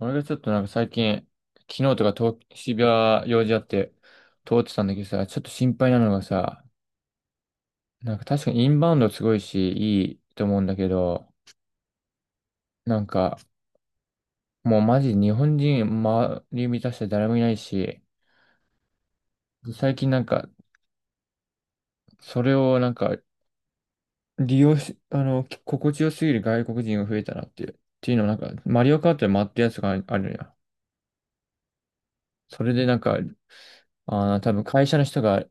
俺がちょっとなんか最近、昨日とか渋谷用事あって通ってたんだけどさ、ちょっと心配なのがさ、なんか確かにインバウンドすごいし、いいと思うんだけど、なんかもうマジ日本人周り満たして誰もいないし、最近なんかそれをなんか利用し、あの、き心地よすぎる外国人が増えたなっていう。っていうのもなんか、マリオカートで回ってるやつがあるのよ。それでなんか、ああ、多分会社の人が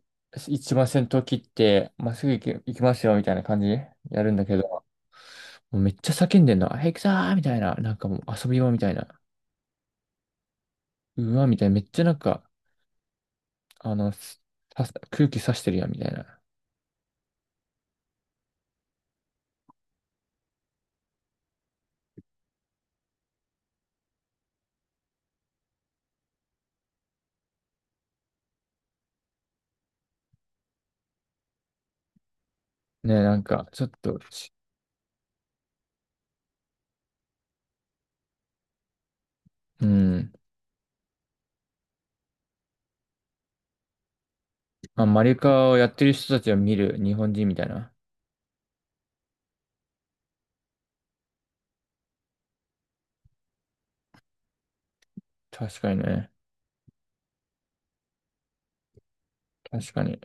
一番先頭切って、まっすぐ行きますよみたいな感じでやるんだけど、もうめっちゃ叫んでんの。あ、行くぞーみたいな。なんかもう遊び場みたいな。うわ、みたいな。めっちゃなんか、あの、す空気刺してるやん、みたいな。ね、なんか、ちょっとし、うん。まあ、マリカをやってる人たちを見る日本人みたいな。確かにね。確かに。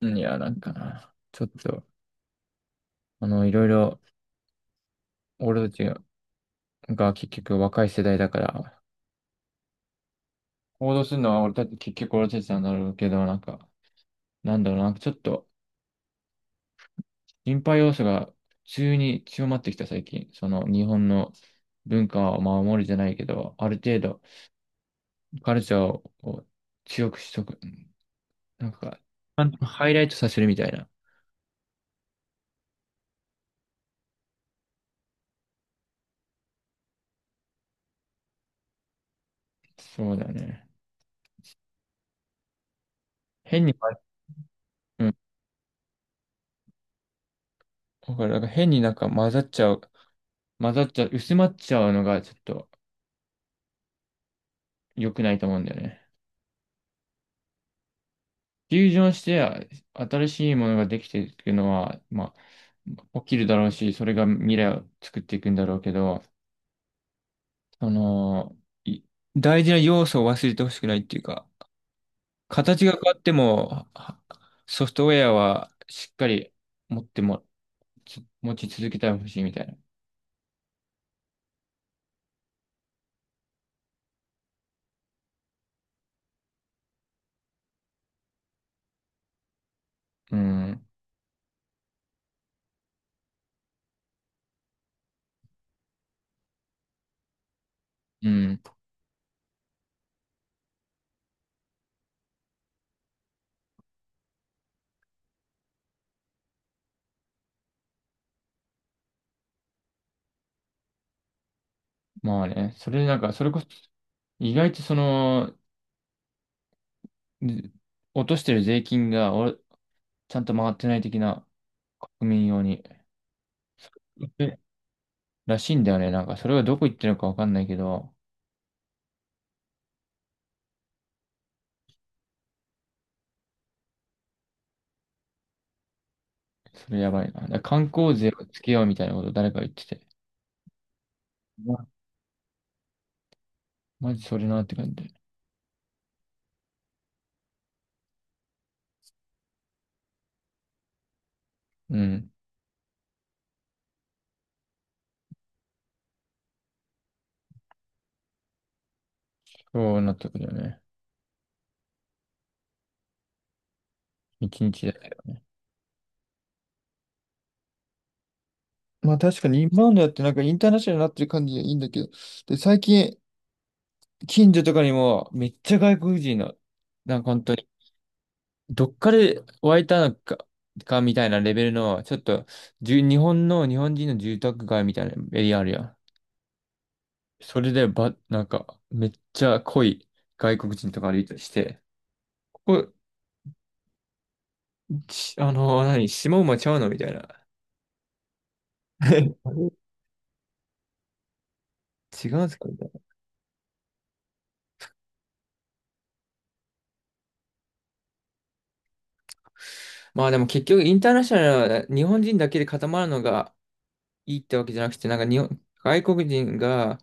いや、なんかな。ちょっと、いろいろ、俺たちが結局若い世代だから、行動するのは俺たち、結局俺たちなんだろうけど、なんか、なんだろうな、ちょっと、心配要素が普通に強まってきた最近。その、日本の文化を守るじゃないけど、ある程度、カルチャーを強くしとく。なんか、ハイライトさせるみたいな。そうだね。変に、うだから、なんか変になんか混ざっちゃう、薄まっちゃうのがちょっと良くないと思うんだよね。フュージョンして新しいものができていくのは、まあ、起きるだろうし、それが未来を作っていくんだろうけど、その、い大事な要素を忘れてほしくないっていうか、形が変わっても、ソフトウェアはしっかり持っても、つ持ち続けてほしいみたいな。うん。うん。まあね、それなんか、それこそ、意外とその、で落としてる税金がちゃんと回ってない的な国民用に。えらしいんだよね。なんか、それがどこ行ってるのかわかんないけど、それやばいな。だから観光税をつけようみたいなこと誰か言ってて。まマジそれなって感じ。うん。そうなったけどね。一日で。まあ確かにインバウンドやってなんかインターナショナルになってる感じがいいんだけど、で、最近近所とかにもめっちゃ外国人の、なんか本当にどっかで湧いたのかみたいなレベルの、ちょっと、日本の、日本人の住宅街みたいなエリアあるやん。それで、なんか、めっちゃ濃い外国人とか歩いたりして、ここ、しあの、何、下馬ちゃうのみたいな。あれ違うんすかみたいな。まあでも結局、インターナショナルは日本人だけで固まるのがいいってわけじゃなくて、なんか日本、外国人が、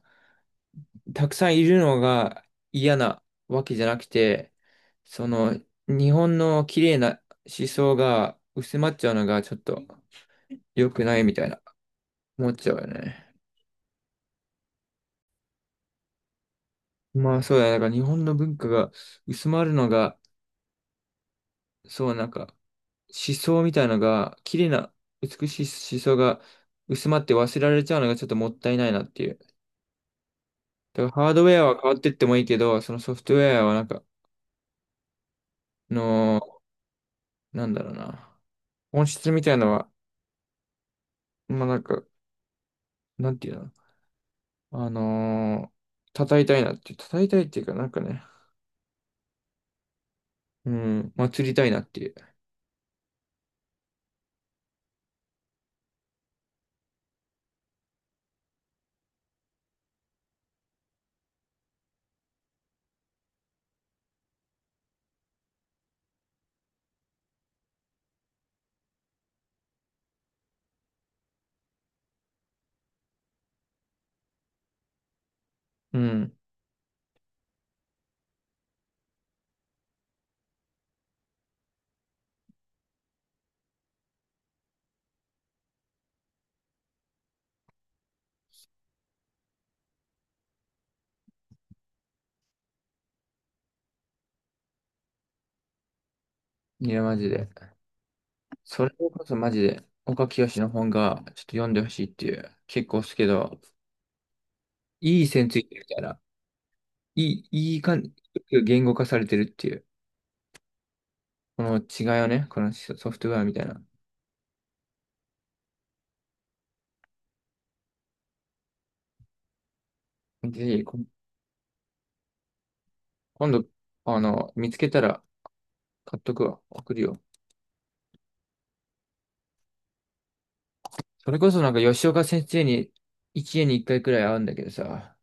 たくさんいるのが嫌なわけじゃなくて、その日本の綺麗な思想が薄まっちゃうのがちょっと良くないみたいな思っちゃうよね。まあそうだね。だから日本の文化が薄まるのが、そうなんか思想みたいなのが、綺麗な美しい思想が薄まって忘れられちゃうのがちょっともったいないなっていう。だからハードウェアは変わってってもいいけど、そのソフトウェアはなんか、の、なんだろうな。本質みたいなのは、まあなんか、なんていうのあのー叩いたいなっていう、叩いたいっていうか、なんかね、うん、祭りたいなっていう。うん。いや、マジで。それこそマジで、岡清の本がちょっと読んでほしいっていう、結構好きけど、いい線ついてるみたいな、いいい感じ、言語化されてるっていう、この違いをね、このソフトウェアみたいな。ぜひ、今度、見つけたら買っとくわ、送るよ。それこそなんか吉岡先生に、一年に一回くらい会うんだけどさ、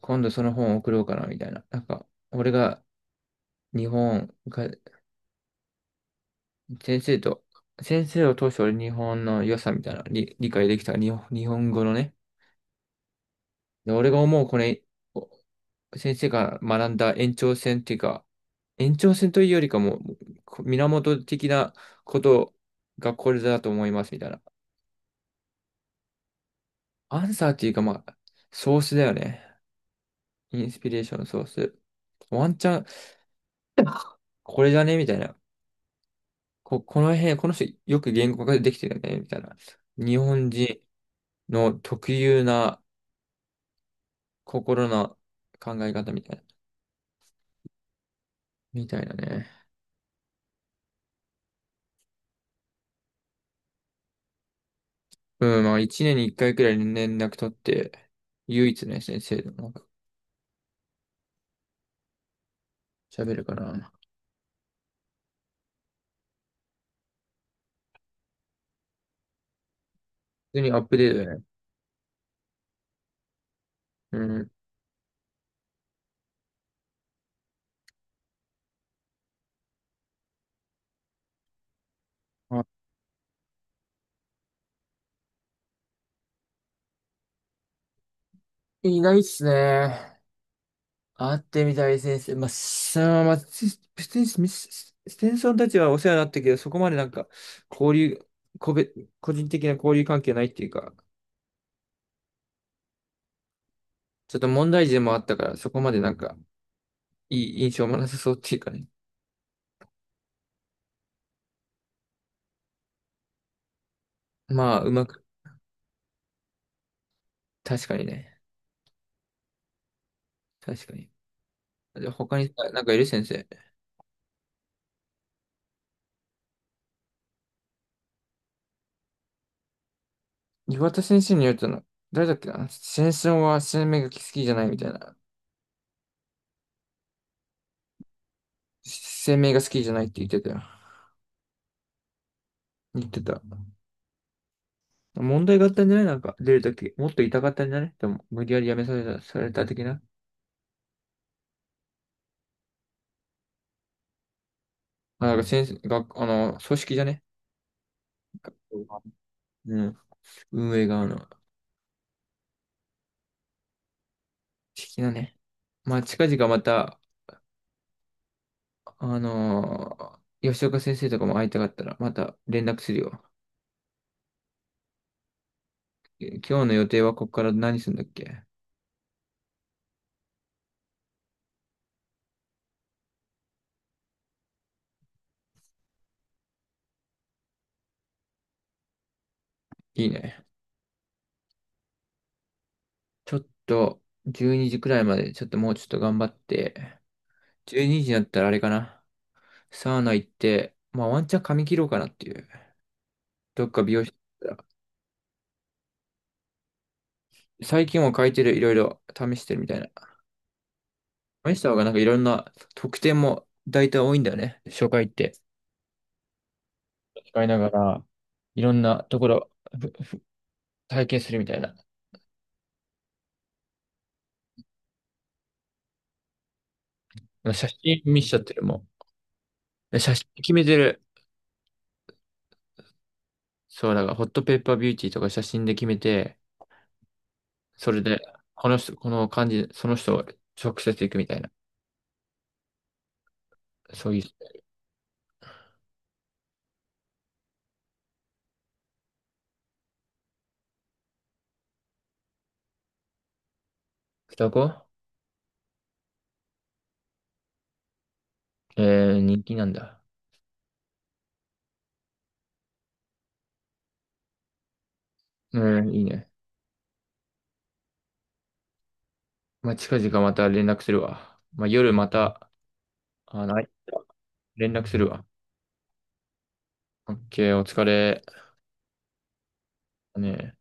今度その本送ろうかな、みたいな。なんか、俺が日本が、先生と、先生を通して俺日本の良さみたいな、理解できた日本、日本語のね。で、俺が思う、これ、お先生が学んだ延長線っていうか、延長線というよりかも、源的なことがこれだと思います、みたいな。アンサーっていうか、まあ、ソースだよね。インスピレーションのソース。ワンチャン、これじゃねみたいな。この辺、この人よく言語化できてるよね、みたいな。日本人の特有な心の考え方みたいな。みたいなね。うん、まあ一年に一回くらい連絡取って、唯一ね、先生でもなんか喋るから。普通にアップデートだね。うん。あいないっすね。会ってみたい先生。まあ、さあ、まあ、スステンスミスステンソンたちはお世話になったけど、そこまでなんか、交流、個別、個人的な交流関係ないっていうか、ちょっと問題児でもあったから、そこまでなんか、いい印象もなさそうっていうかね。まあ、うまく、確かにね。確かに。で、他にさ、なんかいる先生。岩田先生によるとな、誰だっけな先争は生命が好きじゃないみたいな。生命が好きじゃないって言ってたよ。言ってた。問題があったんじゃないなんか、出るとき。もっと痛かったんじゃないでも、無理やり辞めさせた、された的な。あ、なんか先生、学、あの、組織じゃね。うん。運営側の。好きなね。まあ、近々また、あの吉岡先生とかも会いたかったら、また連絡するよ。え、今日の予定はここから何するんだっけ？いいね。ちょっと、12時くらいまで、ちょっともうちょっと頑張って、12時にになったらあれかな。サウナ行って、まあワンチャン髪切ろうかなっていう。どっか美容室行ったら最近も変えてる、いろいろ試してるみたいな。試した方がなんかいろんな特典も大体多いんだよね。初回って。使いながら、いろんなところふふ体験するみたいな。写真見しちゃってるもん。写真決めてる。そう、だからホットペッパービューティーとか写真で決めて、それで、この人、この感じ、その人を直接行くみたいな。そういう。双子えー、人気なんだ。えー、いいね。まあ、近々また連絡するわ。まあ、夜また、あの、連絡するわ。オッケー、お疲れ。ね